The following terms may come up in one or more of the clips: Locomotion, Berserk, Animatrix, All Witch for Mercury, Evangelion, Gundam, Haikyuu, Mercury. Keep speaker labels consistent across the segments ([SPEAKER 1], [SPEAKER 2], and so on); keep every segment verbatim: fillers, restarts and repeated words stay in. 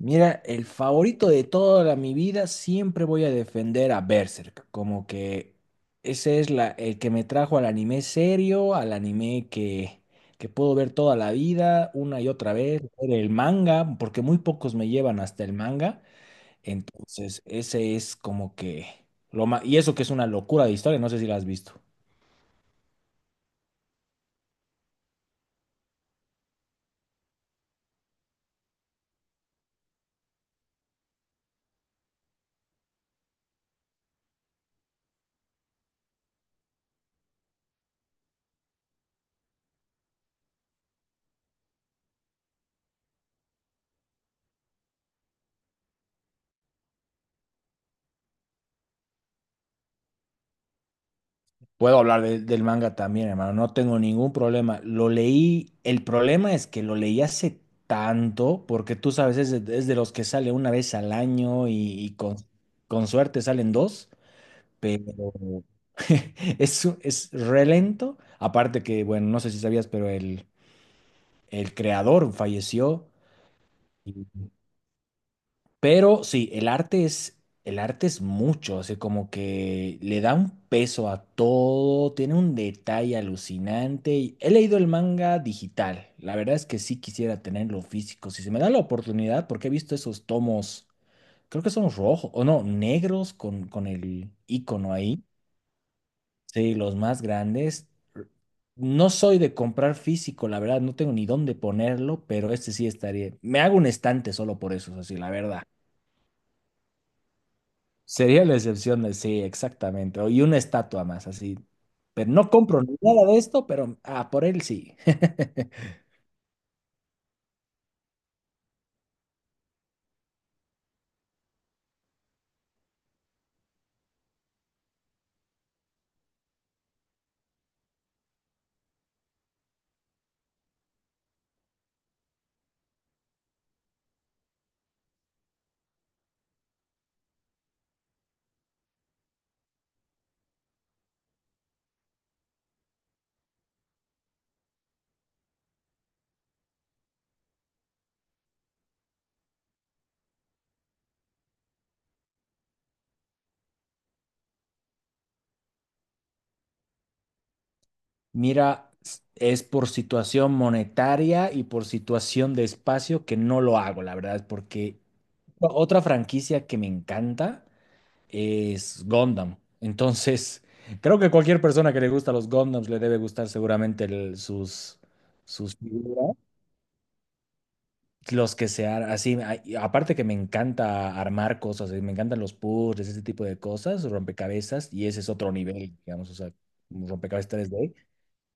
[SPEAKER 1] Mira, el favorito de toda la- mi vida, siempre voy a defender a Berserk. Como que ese es la, el que me trajo al anime serio, al anime que, que puedo ver toda la vida, una y otra vez, leer el manga, porque muy pocos me llevan hasta el manga. Entonces, ese es como que lo ma- y eso que es una locura de historia, no sé si la has visto. Puedo hablar de- del manga también, hermano, no tengo ningún problema. Lo leí, el problema es que lo leí hace tanto, porque tú sabes, es de, es de los que sale una vez al año y, y con, con suerte salen dos, pero es, un- es re lento. Aparte que, bueno, no sé si sabías, pero el, el creador falleció. Pero sí, el arte es, el arte es mucho, así como que le da un peso a todo, tiene un detalle alucinante. y He leído el manga digital, la verdad es que sí quisiera tenerlo físico, si se me da la oportunidad, porque he visto esos tomos, creo que son rojos, o no, negros con, con el icono ahí, sí, los más grandes. No soy de comprar físico, la verdad, no tengo ni dónde ponerlo, pero este sí estaría. Me hago un estante solo por eso, así, la verdad. Sería la excepción de sí, exactamente. O- Y una estatua más, así. Pero no compro nada de esto, pero ah, por él sí. Mira, s- es por situación monetaria y por situación de espacio que no lo hago, la verdad, porque o- otra franquicia que me encanta es Gundam. Entonces, creo que cualquier persona que le gusta los Gundams le debe gustar seguramente el- sus, sus figuras. Los que se ar- así, a- y aparte que me encanta armar cosas, eh, me encantan los puzzles, ese tipo de cosas, rompecabezas, y ese es otro nivel, digamos, o sea, un rompecabezas tres D.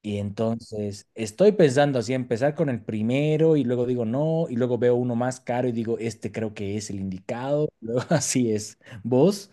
[SPEAKER 1] Y entonces estoy pensando así, empezar con el primero y luego digo no, y luego veo uno más caro y digo, este creo que es el indicado, luego así es. ¿Vos?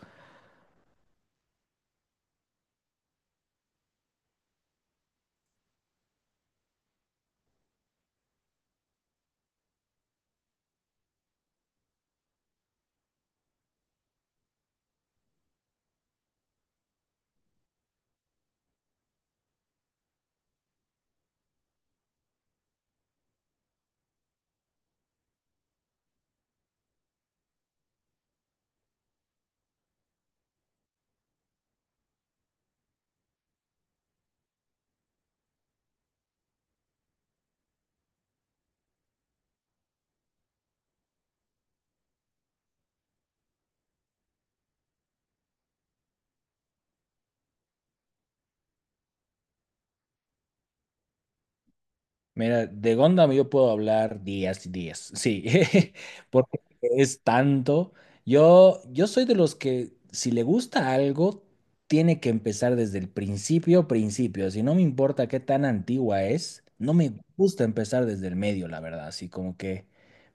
[SPEAKER 1] Mira, de Gundam yo puedo hablar días y días, sí, porque es tanto. Yo, yo soy de los que si le gusta algo, tiene que empezar desde el principio, principio. Si no me importa qué tan antigua es, no me gusta empezar desde el medio, la verdad, así como que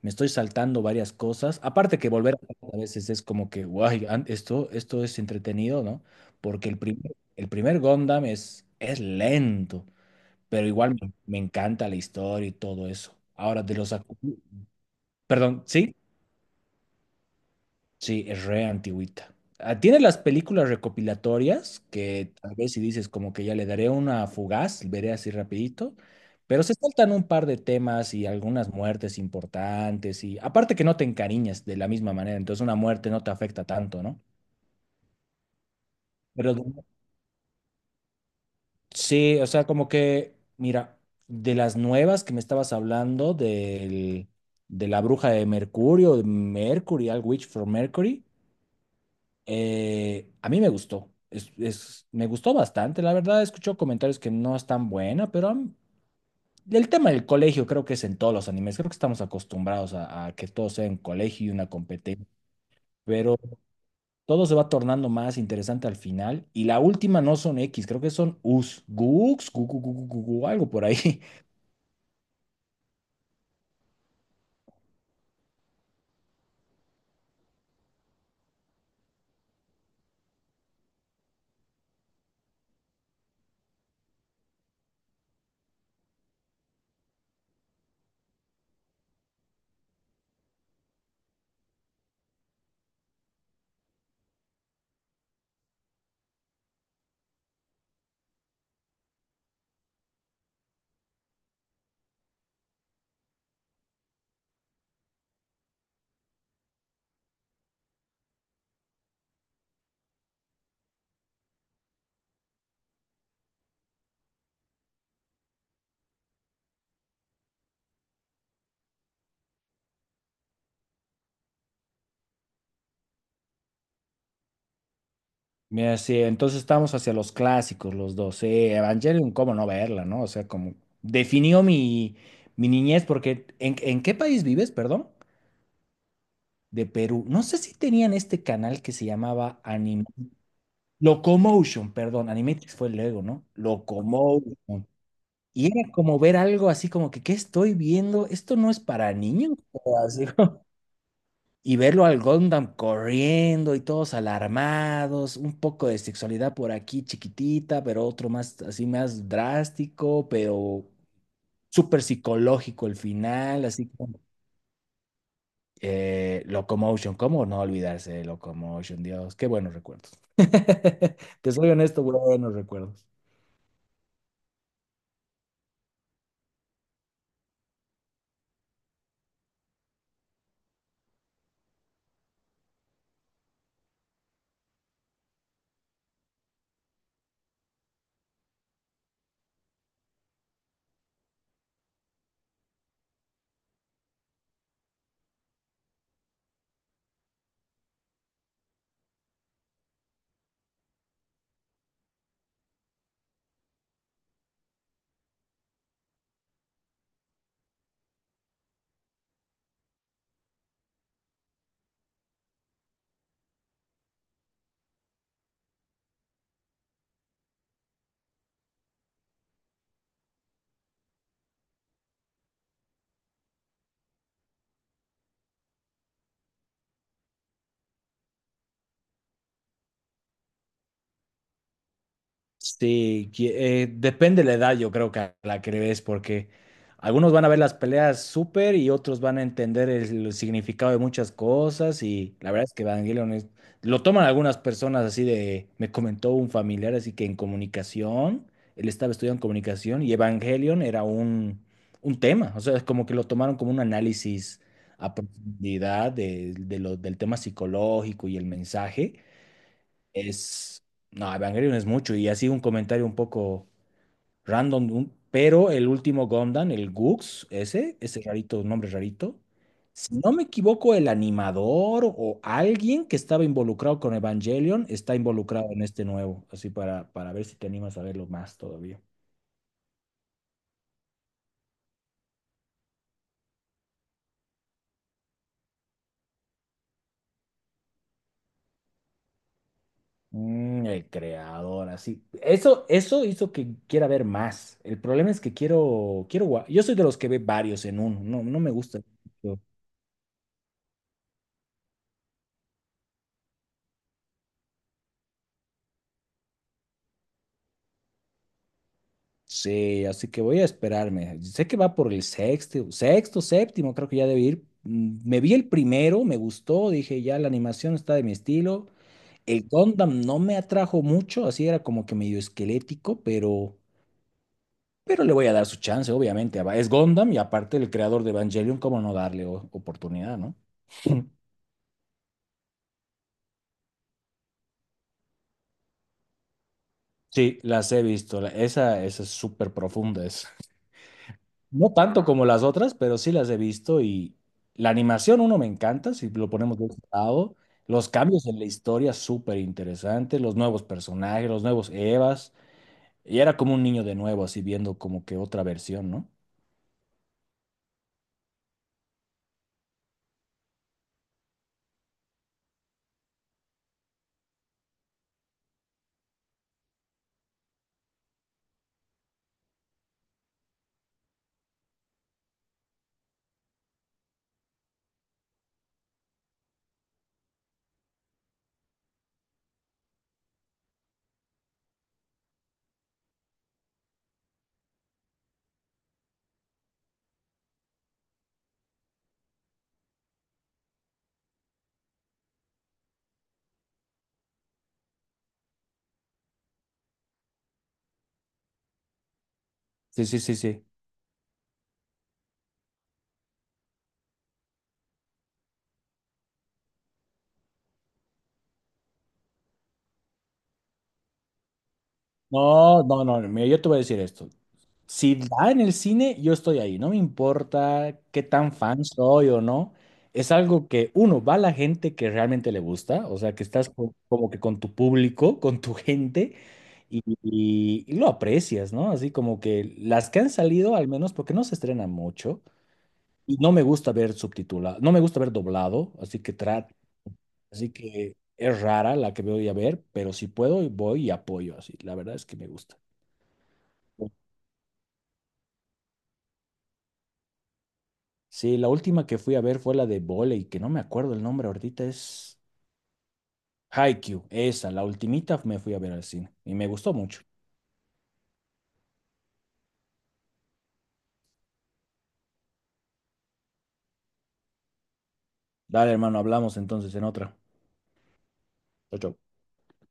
[SPEAKER 1] me estoy saltando varias cosas. Aparte que volver a veces es como que, guay, an- esto, esto es entretenido, ¿no? Porque el primer, el primer Gundam es, es lento, pero igual me, me encanta la historia y todo eso. Ahora, de los... acu- Perdón, ¿sí? Sí, es re antigüita. Ah, tiene las películas recopilatorias que tal vez si dices como que ya le daré una fugaz, veré así rapidito, pero se saltan un par de temas y algunas muertes importantes y aparte que no te encariñas de la misma manera, entonces una muerte no te afecta tanto, ¿no? Pero de sí, o sea, como que, mira, de las nuevas que me estabas hablando, del, de la bruja de Mercurio, de Mercury, All Witch for Mercury, eh, a mí me gustó. Es, es- me gustó bastante, la verdad, escucho comentarios que no es tan buena, pero am- el tema del colegio creo que es en todos los animes, creo que estamos acostumbrados a, a que todo sea en colegio y una competencia, pero todo se va tornando más interesante al final, y la última no son X, creo que son Us, Gux, gu- gu- gu- gu- gu- gu- algo por ahí. Mira, sí, entonces estamos hacia los clásicos, los dos. Sí, Evangelion, cómo no verla, ¿no? O sea, como definió mi, mi niñez, porque ¿en, en qué país vives, perdón? De Perú. No sé si tenían este canal que se llamaba Anime. Locomotion, perdón, Animatrix fue luego, ¿no? Locomotion. Y era como ver algo así como que, ¿qué estoy viendo? Esto no es para niños. O así. Y verlo al Gundam corriendo y todos alarmados, un poco de sexualidad por aquí chiquitita, pero otro más así más drástico, pero súper psicológico el final, así como eh, Locomotion, ¿cómo no olvidarse de Locomotion? Dios, qué buenos recuerdos. Te soy honesto, buenos recuerdos. Sí, qui- eh, depende la edad, yo creo que a la que le ves, porque algunos van a ver las peleas súper y otros van a entender el, significado de muchas cosas. Y la verdad es que Evangelion es- lo toman algunas personas así de. Me comentó un familiar, así que en comunicación, él estaba estudiando comunicación y Evangelion era un, un tema. O sea, es como que lo tomaron como un análisis a profundidad de, de lo- del tema psicológico y el mensaje. Es, no, Evangelion es mucho y así un comentario un poco random, un- pero el último Gundam, el Gux, ese, ese rarito, nombre rarito, si no me equivoco, el animador o alguien que estaba involucrado con Evangelion está involucrado en este nuevo, así para, para ver si te animas a verlo más todavía. Mm, el creador, así. Eso, eso hizo que quiera ver más. El problema es que quiero, quiero, gua- yo soy de los que ve varios en uno, no, no me gusta. Sí, así que voy a esperarme. Sé que va por el sexto, sexto, séptimo, creo que ya debe ir. Mm, me vi el primero, me gustó, dije ya la animación está de mi estilo. El Gundam no me atrajo mucho, así era como que medio esquelético, pero, pero le voy a dar su chance, obviamente. Aba- Es Gundam y aparte el creador de Evangelion, ¿cómo no darle o- oportunidad, no? Sí, las he visto. la- Esa, esa es súper profunda. Es. No tanto como las otras, pero sí las he visto y la animación, uno me encanta, si lo ponemos de ese lado. Los cambios en la historia, súper interesantes, los nuevos personajes, los nuevos Evas. Y era como un niño de nuevo, así viendo como que otra versión, ¿no? Sí, sí, sí, sí. No, no, no, mira, yo te voy a decir esto. Si da en el cine, yo estoy ahí. No me importa qué tan fan soy o no. Es algo que, uno, va a la gente que realmente le gusta, o sea, que estás co- como que con tu público, con tu gente. Y, y- y lo aprecias, ¿no? Así como que las que han salido, al menos porque no se estrenan mucho, y no me gusta ver subtitulado, no me gusta ver doblado, así que tra- así que es rara la que voy a ver, pero si puedo voy y apoyo, así, la verdad es que me gusta. Sí, la última que fui a ver fue la de voley, que no me acuerdo el nombre ahorita, es Haikyuu, esa, la ultimita me fui a ver al cine y me gustó mucho. Dale, hermano, hablamos entonces en otra. Chau, chau.